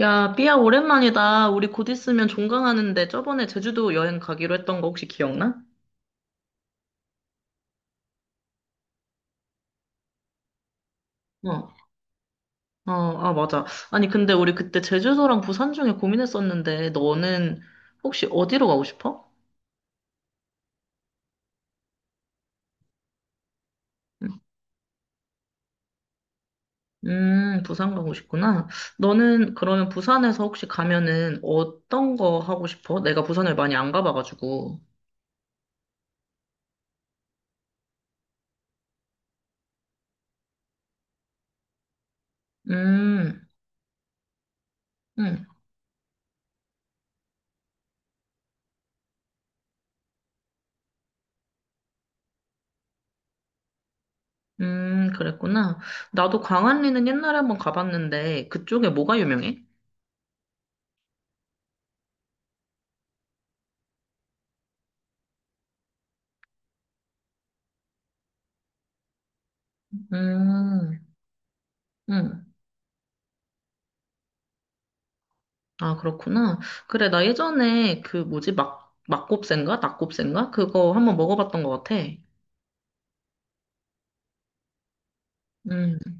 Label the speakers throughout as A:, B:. A: 야, 삐야, 오랜만이다. 우리 곧 있으면 종강하는데 저번에 제주도 여행 가기로 했던 거 혹시 기억나? 어, 어, 아, 맞아. 아니, 근데 우리 그때 제주도랑 부산 중에 고민했었는데 너는 혹시 어디로 가고 싶어? 음, 부산 가고 싶구나. 너는 그러면 부산에서 혹시 가면은 어떤 거 하고 싶어? 내가 부산을 많이 안 가봐가지고. 음, 음, 그랬구나. 나도 광안리는 옛날에 한번 가봤는데 그쪽에 뭐가 유명해? 음, 음. 아, 그렇구나. 그래, 나 예전에 그 뭐지, 막, 막곱새인가? 낙곱새인가? 그거 한번 먹어봤던 것 같아. 음,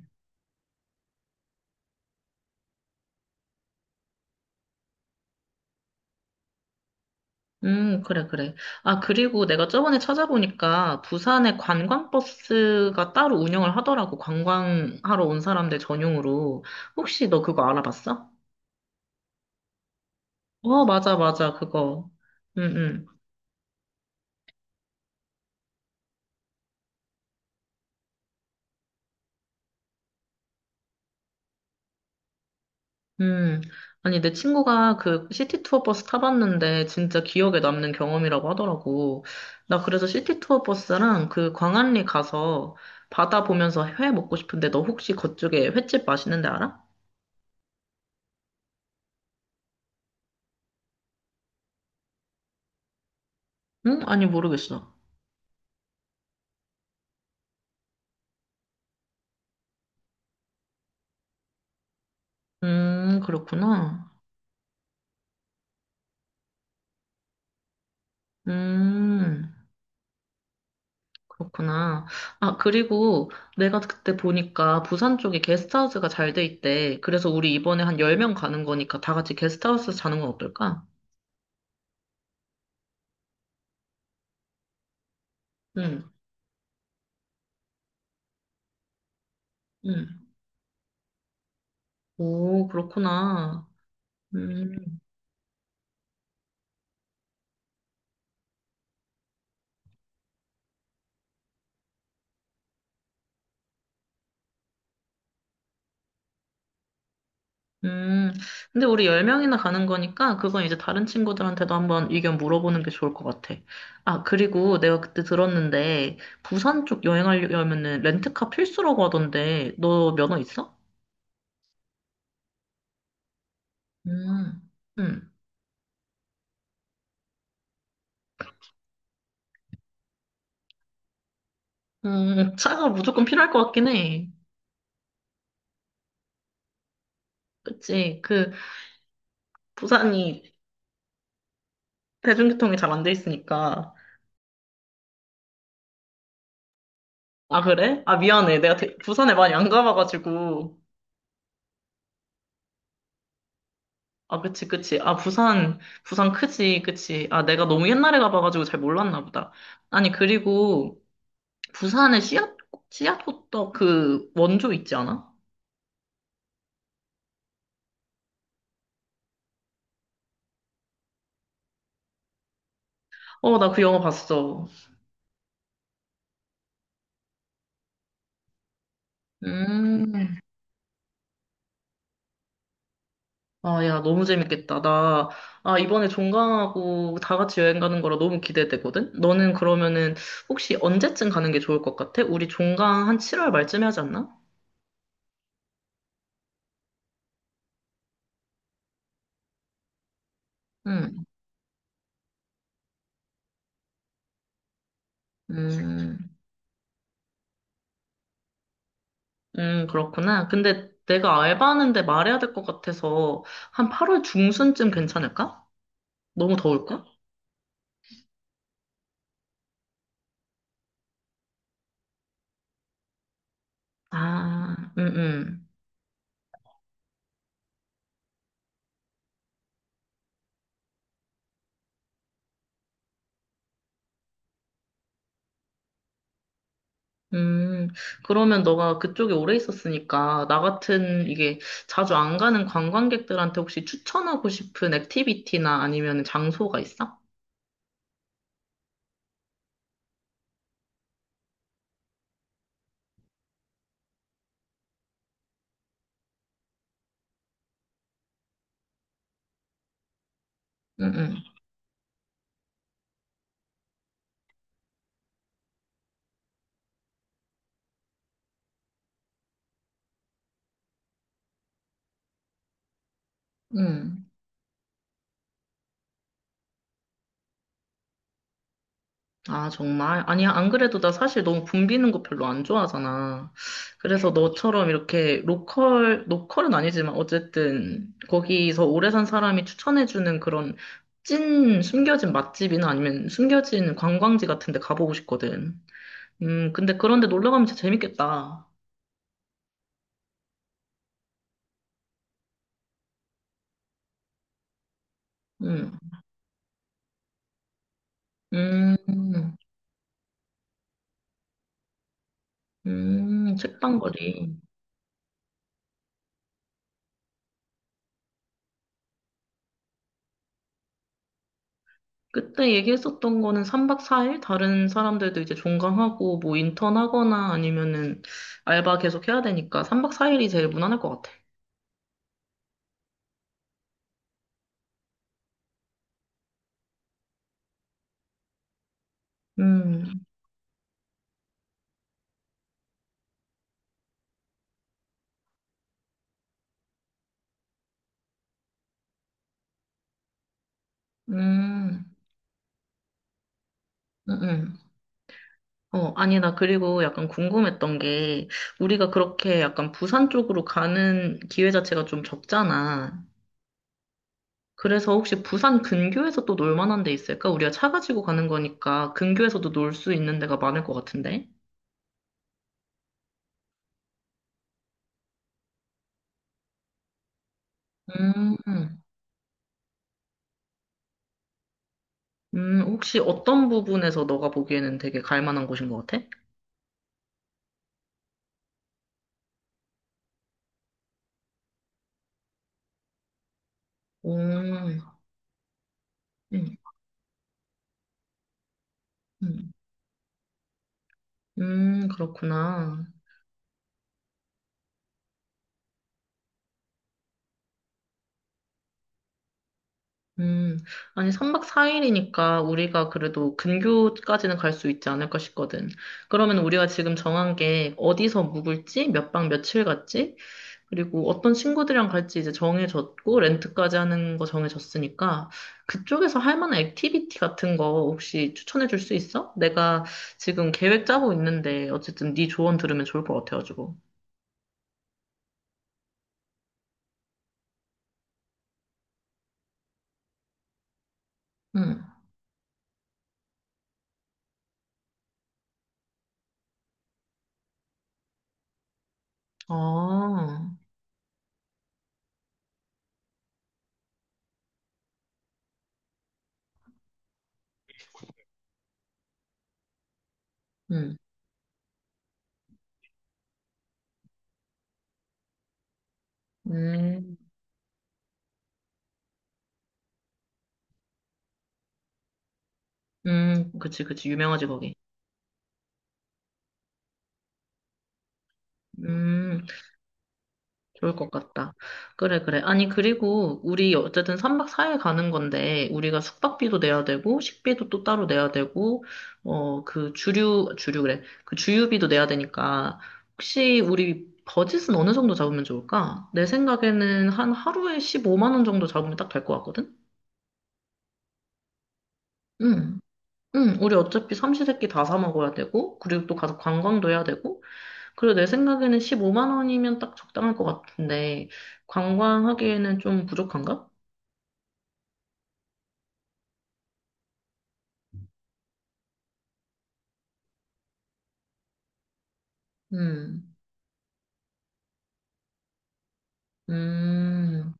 A: 그래, 그래. 아, 그리고 내가 저번에 찾아보니까 부산에 관광버스가 따로 운영을 하더라고. 관광하러 온 사람들 전용으로. 혹시 너 그거 알아봤어? 어, 맞아, 맞아, 그거. 응, 응. 음, 아니, 내 친구가 그 시티 투어 버스 타봤는데 진짜 기억에 남는 경험이라고 하더라고. 나 그래서 시티 투어 버스랑 그 광안리 가서 바다 보면서 회 먹고 싶은데 너 혹시 그쪽에 횟집 맛있는 데 알아? 응? 아니, 모르겠어. 그렇구나. 음, 그렇구나. 아, 그리고 내가 그때 보니까 부산 쪽에 게스트하우스가 잘 돼 있대. 그래서 우리 이번에 한 10명 가는 거니까 다 같이 게스트하우스 자는 건 어떨까? 응, 응. 오, 그렇구나. 음, 음. 근데 우리 10명이나 가는 거니까 그건 이제 다른 친구들한테도 한번 의견 물어보는 게 좋을 것 같아. 아, 그리고 내가 그때 들었는데 부산 쪽 여행하려면은 렌트카 필수라고 하던데 너 면허 있어? 음, 음, 차가 무조건 필요할 것 같긴 해. 그치. 그, 부산이 대중교통이 잘 안 돼 있으니까. 아, 그래? 아, 미안해. 내가 부산에 많이 안 가봐가지고. 아, 그치, 그치. 아, 부산, 부산 크지, 그치. 아, 내가 너무 옛날에 가봐가지고 잘 몰랐나 보다. 아니, 그리고 부산에 씨앗 호떡 그 원조 있지 않아? 어, 나 그 영화 봤어. 음, 아, 야, 너무 재밌겠다. 나, 아, 이번에 종강하고 다 같이 여행 가는 거라 너무 기대되거든? 너는 그러면은 혹시 언제쯤 가는 게 좋을 것 같아? 우리 종강 한 7월 말쯤에 하지 않나? 응, 음, 그렇구나. 근데 내가 알바하는데 말해야 될 것 같아서 한 8월 중순쯤 괜찮을까? 너무 더울까? 아, 음, 그러면 너가 그쪽에 오래 있었으니까 나 같은 이게 자주 안 가는 관광객들한테 혹시 추천하고 싶은 액티비티나 아니면 장소가 있어? 응, 응, 아, 정말? 아니, 안 그래도 나 사실 너무 붐비는 거 별로 안 좋아하잖아. 그래서 너처럼 이렇게 로컬, 로컬은 아니지만 어쨌든 거기서 오래 산 사람이 추천해주는 그런 찐 숨겨진 맛집이나 아니면 숨겨진 관광지 같은 데 가보고 싶거든. 근데 그런데 놀러 가면 진짜 재밌겠다. 음, 음, 음, 책방거리. 그때 얘기했었던 거는 3박 4일? 다른 사람들도 이제 종강하고 뭐 인턴하거나 아니면은 알바 계속 해야 되니까 3박 4일이 제일 무난할 것 같아. 음, 음, 음, 음. 어, 아니, 나 그리고 약간 궁금했던 게, 우리가 그렇게 약간 부산 쪽으로 가는 기회 자체가 좀 적잖아. 그래서 혹시 부산 근교에서 또 놀 만한 데 있을까? 우리가 차 가지고 가는 거니까 근교에서도 놀 수 있는 데가 많을 것 같은데? 음, 혹시 어떤 부분에서 너가 보기에는 되게 갈 만한 곳인 것 같아? 오, 음, 음, 그렇구나. 음, 아니, 3박 4일이니까 우리가 그래도 근교까지는 갈 수 있지 않을까 싶거든. 그러면 우리가 지금 정한 게 어디서 묵을지, 몇 박 며칠 갔지, 그리고 어떤 친구들이랑 갈지 이제 정해졌고, 렌트까지 하는 거 정해졌으니까, 그쪽에서 할 만한 액티비티 같은 거 혹시 추천해 줄 수 있어? 내가 지금 계획 짜고 있는데, 어쨌든 네 조언 들으면 좋을 것 같아가지고. 응. 아, 응. 음, 그치, 그치. 유명하지, 거기. 음. 좋을 것 같다. 그래, 그래. 아니, 그리고 우리 어쨌든 3박 4일 가는 건데, 우리가 숙박비도 내야 되고, 식비도 또 따로 내야 되고, 어, 그 주류, 주류 그래. 그 주유비도 내야 되니까, 혹시 우리 버짓은 어느 정도 잡으면 좋을까? 내 생각에는 한 하루에 15만 원 정도 잡으면 딱 될 것 같거든? 응. 응, 우리 어차피 삼시세끼 다 사 먹어야 되고, 그리고 또 가서 관광도 해야 되고, 그리고 내 생각에는 15만 원이면 딱 적당할 것 같은데, 관광하기에는 좀 부족한가? 음, 음,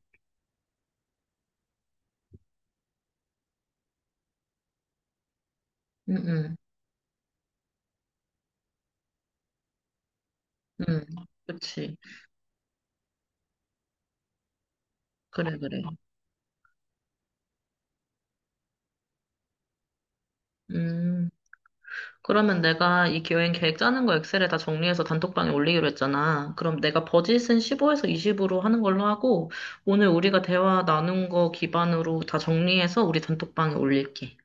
A: 음, 음, 음. 그치. 그래, 그래. 음. 그러면 내가 이 여행 계획 짜는 거 엑셀에 다 정리해서 단톡방에 올리기로 했잖아. 그럼 내가 버짓은 15에서 20으로 하는 걸로 하고, 오늘 우리가 대화 나눈 거 기반으로 다 정리해서 우리 단톡방에 올릴게.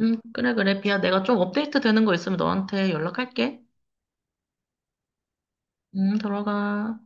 A: 그래, 그래. 비야, 내가 좀 업데이트 되는 거 있으면 너한테 연락할게. 들어가.